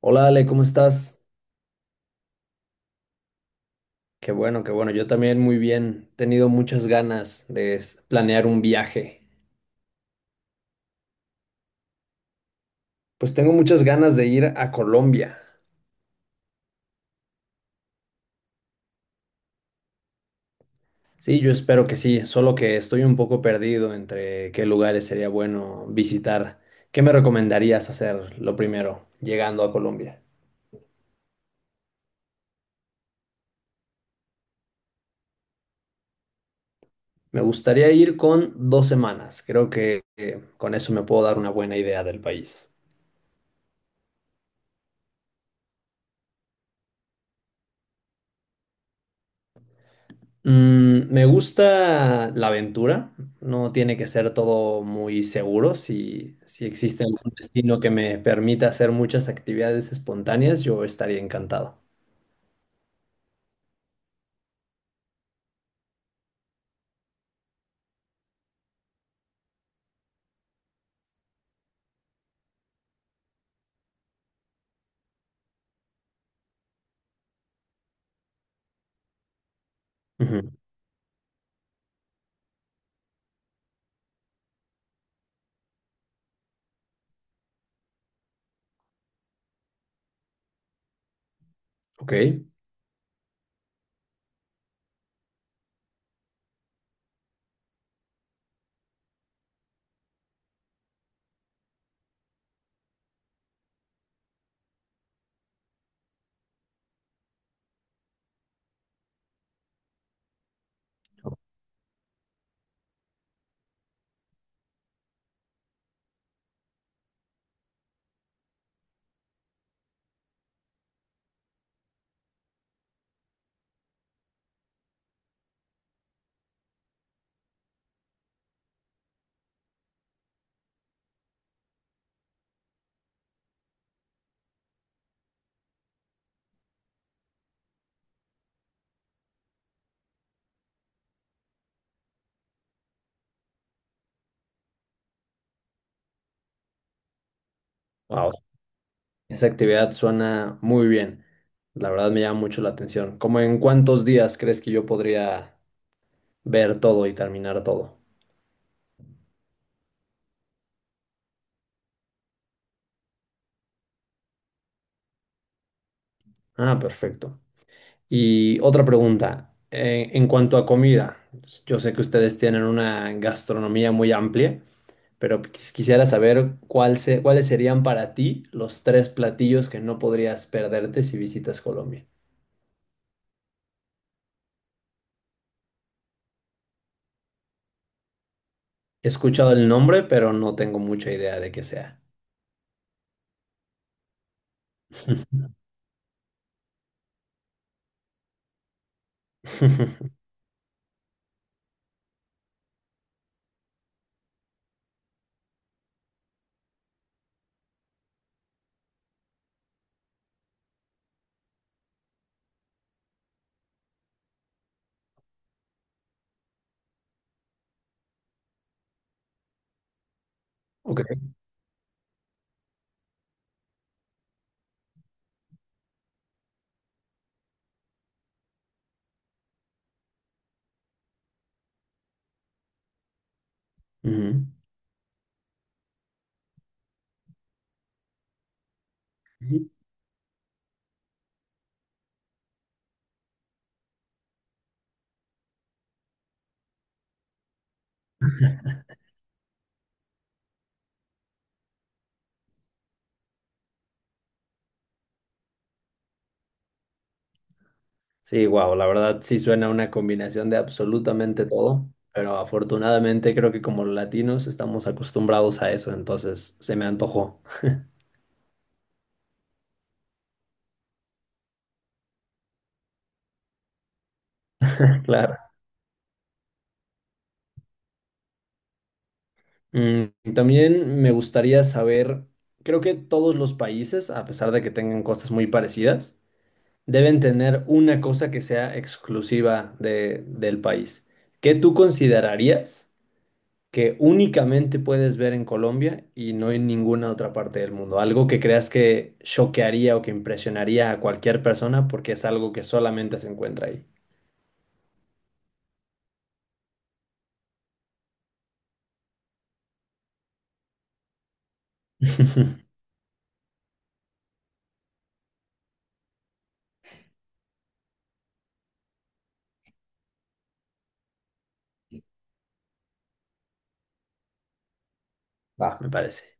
Hola Ale, ¿cómo estás? Qué bueno, qué bueno. Yo también muy bien. He tenido muchas ganas de planear un viaje. Pues tengo muchas ganas de ir a Colombia. Sí, yo espero que sí, solo que estoy un poco perdido entre qué lugares sería bueno visitar. ¿Qué me recomendarías hacer lo primero llegando a Colombia? Me gustaría ir con 2 semanas. Creo que con eso me puedo dar una buena idea del país. Me gusta la aventura, no tiene que ser todo muy seguro. Si existe algún destino que me permita hacer muchas actividades espontáneas, yo estaría encantado. Ujú. Ok. Wow, esa actividad suena muy bien. La verdad me llama mucho la atención. ¿Cómo en cuántos días crees que yo podría ver todo y terminar todo? Ah, perfecto. Y otra pregunta, en cuanto a comida, yo sé que ustedes tienen una gastronomía muy amplia, pero quisiera saber cuál cuáles serían para ti los tres platillos que no podrías perderte si visitas Colombia. He escuchado el nombre, pero no tengo mucha idea de qué sea. Ok. Ujú. Ujú. Sí, wow, la verdad sí suena una combinación de absolutamente todo, pero afortunadamente creo que como latinos estamos acostumbrados a eso, entonces se me antojó. Claro. También me gustaría saber, creo que todos los países, a pesar de que tengan cosas muy parecidas, deben tener una cosa que sea exclusiva del país. ¿Qué tú considerarías que únicamente puedes ver en Colombia y no en ninguna otra parte del mundo? Algo que creas que choquearía o que impresionaría a cualquier persona porque es algo que solamente se encuentra ahí. Va, me parece.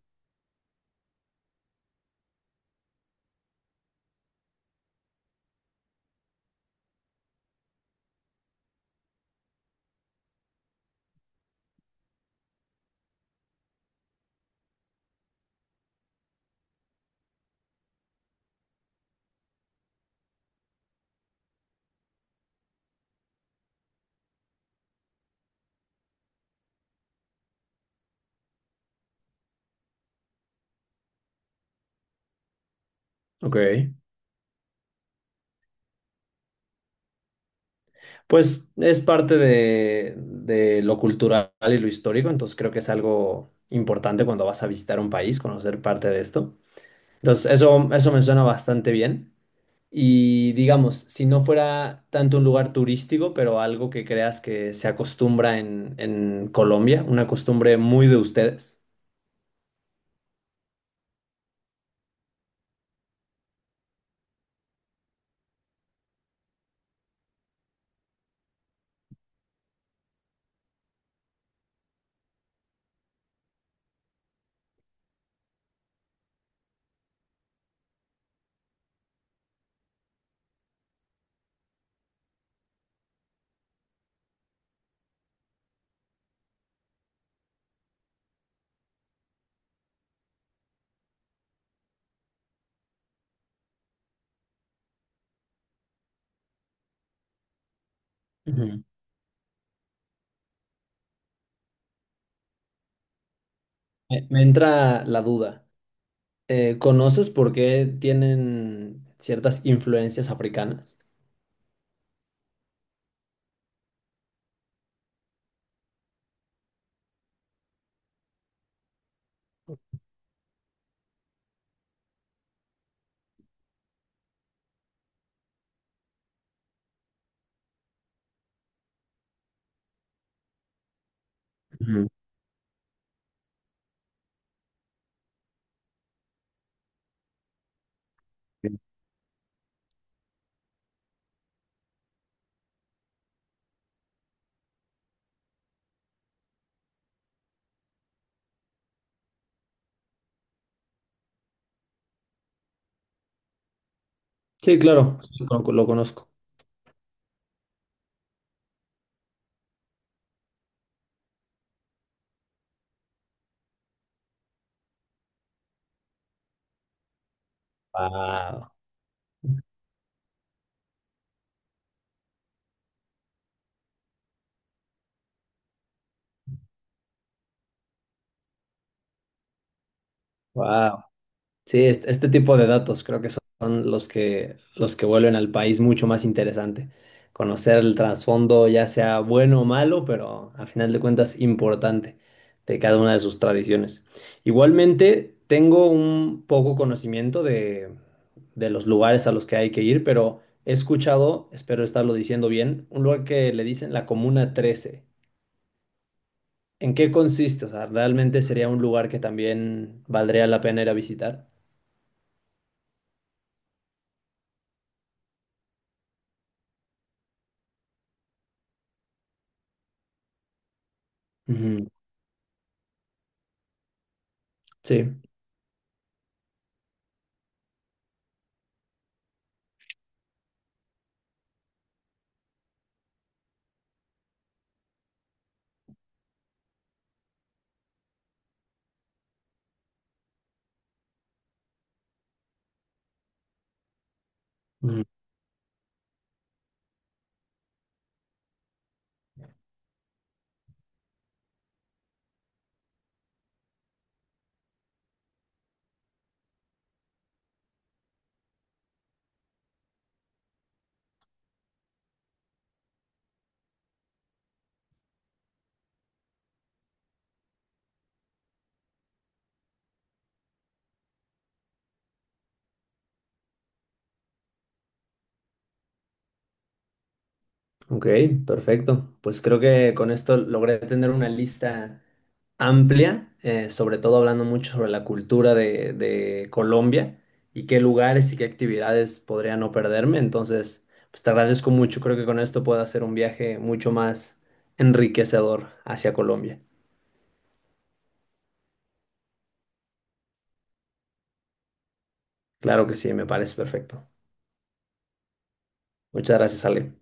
Ok. Pues es parte de lo cultural y lo histórico, entonces creo que es algo importante cuando vas a visitar un país, conocer parte de esto. Entonces, eso me suena bastante bien. Y digamos, si no fuera tanto un lugar turístico, pero algo que creas que se acostumbra en Colombia, una costumbre muy de ustedes. Ujú. Me entra la duda. ¿Conoces por qué tienen ciertas influencias africanas? Ujú. Sí, claro, lo conozco. Wow. Sí, este tipo de datos creo que son los que vuelven al país mucho más interesante. Conocer el trasfondo, ya sea bueno o malo, pero a final de cuentas importante de cada una de sus tradiciones. Igualmente, tengo un poco conocimiento de los lugares a los que hay que ir, pero he escuchado, espero estarlo diciendo bien, un lugar que le dicen la Comuna 13. ¿En qué consiste? O sea, ¿realmente sería un lugar que también valdría la pena ir a visitar? Ujú. Sí. Mm. Ok, perfecto. Pues creo que con esto logré tener una lista amplia, sobre todo hablando mucho sobre la cultura de Colombia y qué lugares y qué actividades podría no perderme. Entonces, pues te agradezco mucho. Creo que con esto puedo hacer un viaje mucho más enriquecedor hacia Colombia. Claro que sí, me parece perfecto. Muchas gracias, Ale.